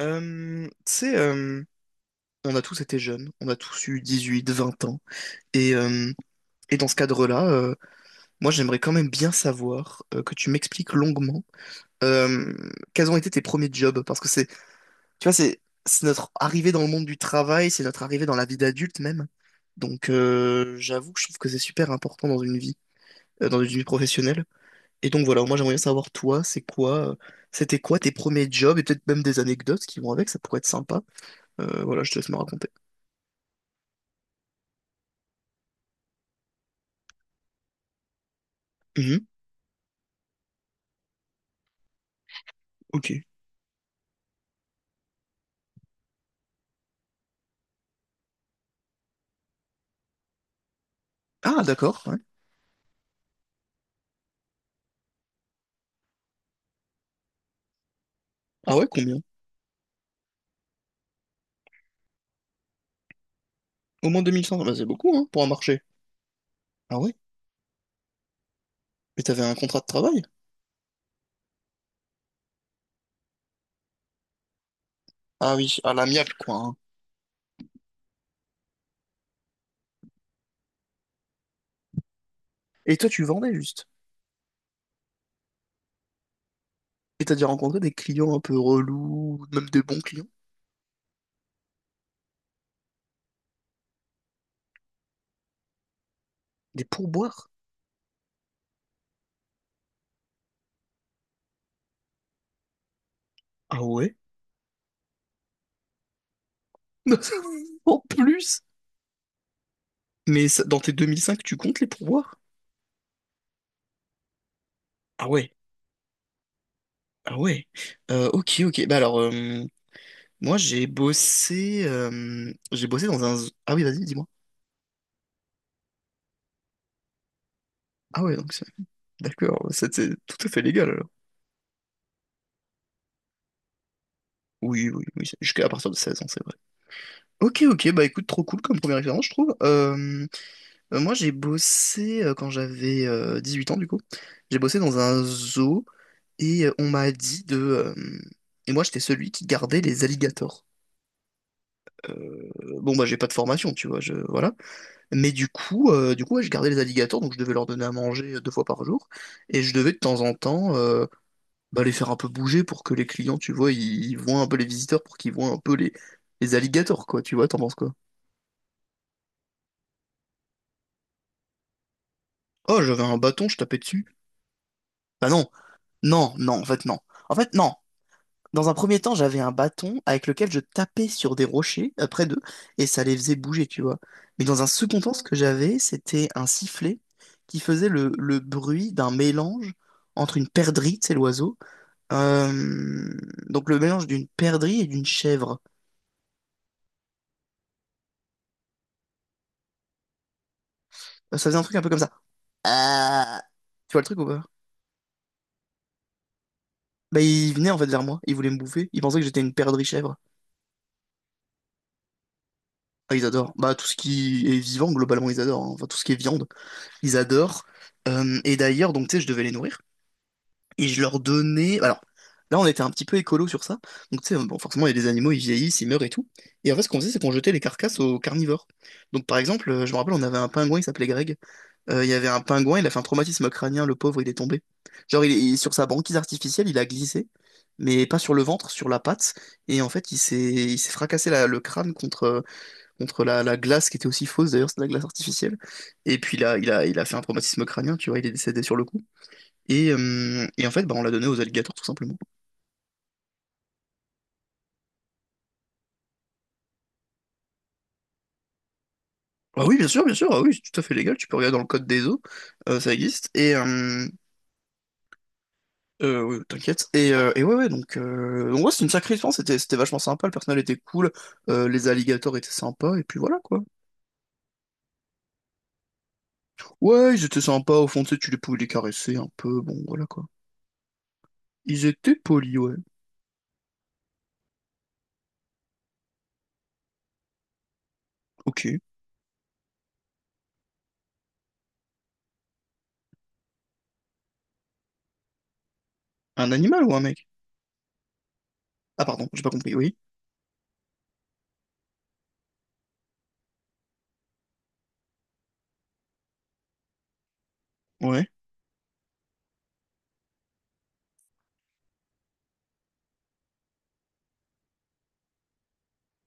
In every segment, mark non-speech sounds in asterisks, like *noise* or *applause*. Tu sais, on a tous été jeunes, on a tous eu 18, 20 ans. Et, euh, et dans ce cadre-là, moi j'aimerais quand même bien savoir que tu m'expliques longuement euh, quels ont été tes premiers jobs. Parce que c'est, tu vois, c'est notre arrivée dans le monde du travail, c'est notre arrivée dans la vie d'adulte même. Donc j'avoue que je trouve que c'est super important dans une vie professionnelle. Et donc voilà, moi j'aimerais bien savoir toi, c'était quoi tes premiers jobs et peut-être même des anecdotes qui vont avec, ça pourrait être sympa. Voilà, je te laisse me raconter. Mhm, ok. Ah, d'accord, ouais. Ah ouais, combien? Au moins 2500, bah, c'est beaucoup, hein, pour un marché. Ah ouais? Mais t'avais un contrat de travail? Ah oui, à l'amiable, quoi, hein. Et toi, tu vendais juste. Et t'as déjà rencontré des clients un peu relous, ou même des bons clients? Des pourboires? Ah ouais? *laughs* En plus? Dans tes 2005, tu comptes les pourboires? Ah ouais, ah ouais. Ok, ok. Bah alors, moi, j'ai bossé dans un... Ah oui, vas-y, dis-moi. Ah ouais, donc c'est... D'accord, c'était tout à fait légal, alors. Oui, oui, oui, jusqu'à partir de 16 ans, c'est vrai. Ok, ok, bah écoute, trop cool comme première expérience, je trouve. Moi, j'ai bossé quand j'avais 18 ans, du coup. J'ai bossé dans un zoo et on m'a dit de. Et moi, j'étais celui qui gardait les alligators. Euh, Bon, bah, j'ai pas de formation, tu vois, voilà. Mais du coup ouais, je gardais les alligators, donc je devais leur donner à manger deux fois par jour. Et je devais de temps en temps, bah, les faire un peu bouger pour que les clients, tu vois, ils voient un peu les visiteurs, pour qu'ils voient un peu les alligators, quoi. Tu vois, t'en penses quoi? Oh, j'avais un bâton, je tapais dessus. Bah non, non, non, en fait non. En fait non. Dans un premier temps, j'avais un bâton avec lequel je tapais sur des rochers près d'eux, et ça les faisait bouger, tu vois. Mais dans un second temps, ce que j'avais, c'était un sifflet qui faisait le bruit d'un mélange entre une perdrix, c'est l'oiseau, euh, donc le mélange d'une perdrix et d'une chèvre. Ça faisait un truc un peu comme ça. Ah. Tu vois le truc ou pas? Bah, ils venaient en fait vers moi, ils voulaient me bouffer, ils pensaient que j'étais une perdrix chèvre. Ah, ils adorent. Bah, tout ce qui est vivant, globalement, ils adorent, hein. Enfin, tout ce qui est viande, ils adorent. Et d'ailleurs, donc, tu sais, je devais les nourrir. Et je leur donnais. Alors, là, on était un petit peu écolo sur ça. Donc, tu sais, bon, forcément, il y a des animaux, ils vieillissent, ils meurent et tout. Et en fait, ce qu'on faisait, c'est qu'on jetait les carcasses aux carnivores. Donc, par exemple, je me rappelle, on avait un pingouin, il s'appelait Greg. Il y avait un pingouin, il a fait un traumatisme crânien, le pauvre, il est tombé. Genre, sur sa banquise artificielle, il a glissé, mais pas sur le ventre, sur la patte. Et en fait, il s'est fracassé le crâne contre, contre la glace, qui était aussi fausse d'ailleurs, c'est de la glace artificielle. Et puis là, il a fait un traumatisme crânien, tu vois, il est décédé sur le coup. Et en fait, bah, on l'a donné aux alligators, tout simplement. Ah oui, bien sûr, ah oui, c'est tout à fait légal, tu peux regarder dans le code des eaux, ça existe. Ouais, t'inquiète. Et ouais, ouais, donc ouais, c'est une sacrée expérience, c'était vachement sympa, le personnel était cool, les alligators étaient sympas, et puis voilà, quoi. Ouais, ils étaient sympas, au fond, tu sais, tu les pouvais les caresser un peu, bon, voilà, quoi. Ils étaient polis, ouais. Ok. Un animal ou un mec? Ah, pardon, j'ai pas compris, oui. Ouais,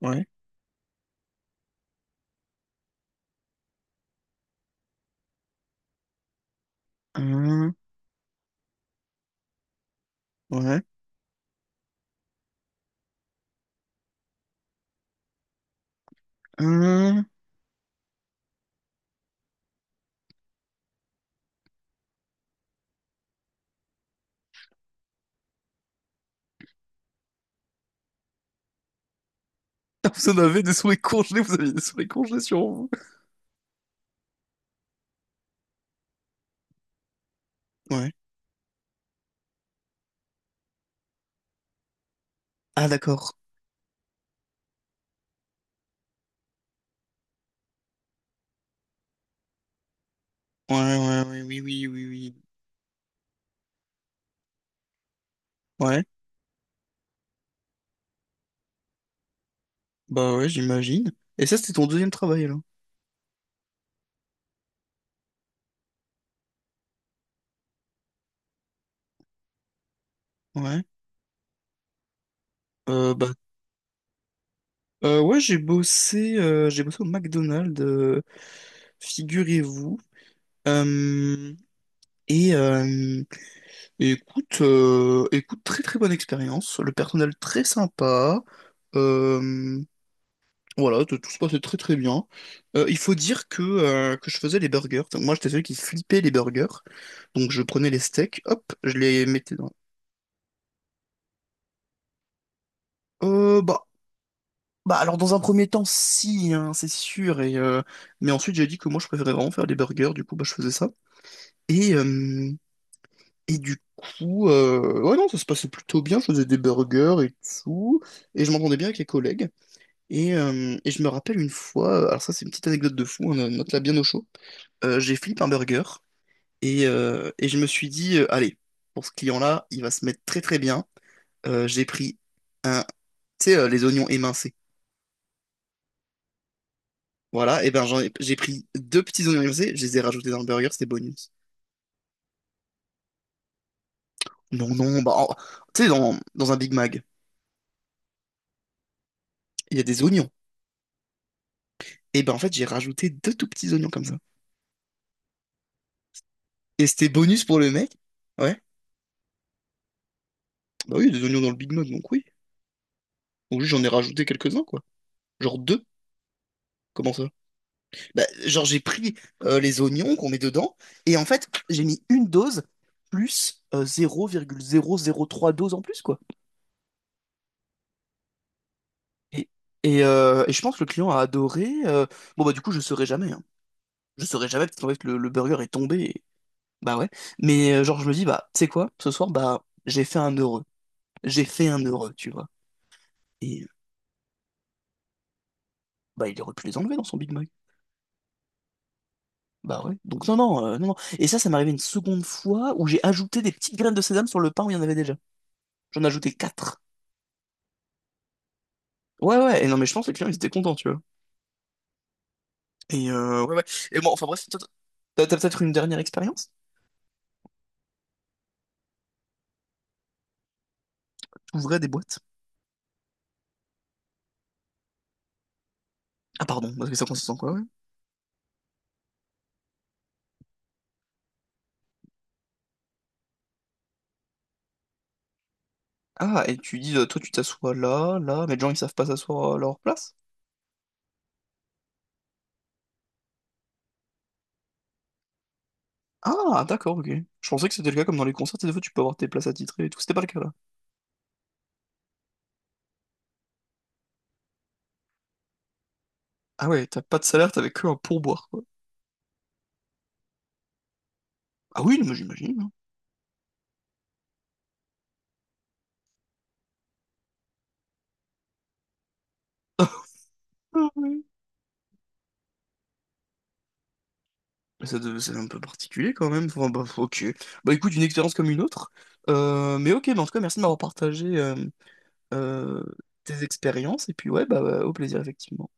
ouais. Hum, ouais. Hum. *laughs* Ah, vous en avez des souris congelés, vous aviez des souris congelées sur vous. Ouais. Ah, d'accord. Ouais, ouais, ouais, oui, oui, oui, oui. Ouais. Bah ouais, j'imagine. Et ça, c'était ton deuxième travail, là. Ouais. Euh, bah, ouais, j'ai bossé au McDonald's, figurez-vous. Euh, et, euh, et écoute, très très bonne expérience. Le personnel très sympa. Euh, voilà, tout se passait très très bien. Il faut dire que je faisais les burgers. Donc, moi, j'étais celui qui flippait les burgers. Donc, je prenais les steaks, hop, je les mettais dans. Euh, bah, Bah alors, dans un premier temps, si hein, c'est sûr, et mais ensuite j'ai dit que moi je préférais vraiment faire des burgers, du coup bah je faisais ça, et euh, et du coup, ouais, non ça se passait plutôt bien, je faisais des burgers et tout, et je m'entendais bien avec les collègues, et je me rappelle une fois, alors ça c'est une petite anecdote de fou, hein, note-la bien au chaud. J'ai flippé un burger, et je me suis dit, allez, pour ce client-là, il va se mettre très très bien. J'ai pris un, tu sais, les oignons émincés. Voilà, et ben j'ai pris deux petits oignons épicés, je les ai rajoutés dans le burger, c'était bonus. Non, non, bah, tu sais, dans un Big Mac, il y a des oignons. Et ben en fait, j'ai rajouté deux tout petits oignons comme ça. Et c'était bonus pour le mec. Ouais, bah oui, il y a des oignons dans le Big Mac, donc oui. Donc juste, j'en ai rajouté quelques-uns, quoi. Genre deux, comment ça? Bah, genre, j'ai pris les oignons qu'on met dedans, et en fait, j'ai mis une dose plus 0,003 doses en plus, quoi. Et, et je pense que le client a adoré. Bon, bah, du coup, je saurais jamais, hein. Je saurais jamais parce qu'en fait le burger est tombé, bah ouais. Mais genre je me dis, bah tu sais quoi, ce soir, bah j'ai fait un heureux. J'ai fait un heureux, tu vois. Et bah il aurait pu les enlever dans son Big Mac. Bah ouais. Donc non non, non non. Et ça m'est arrivé une seconde fois où j'ai ajouté des petites graines de sésame sur le pain où il y en avait déjà. J'en ai ajouté quatre. Ouais ouais. Et non mais je pense que les clients ils étaient contents, tu vois. Et ouais ouais. Et bon, enfin bref, toi, t'as peut-être une dernière expérience? T'ouvrais des boîtes? Ah pardon, parce que ça consiste en quoi, ouais? Ah, et tu dis, toi tu t'assois là, là, mais les gens ils savent pas s'asseoir à leur place? Ah, d'accord, ok. Je pensais que c'était le cas comme dans les concerts, des fois tu peux avoir tes places attitrées et tout. C'était pas le cas là. Ah ouais, t'as pas de salaire, t'avais que un pourboire, quoi. Ah oui, non, mais j'imagine, hein. *laughs* Ah oui. C'est un peu particulier quand même. Enfin, bah, ok. Bah écoute, une expérience comme une autre. Mais ok, mais en tout cas, merci de m'avoir partagé euh, tes expériences. Et puis ouais, bah, bah, au plaisir, effectivement.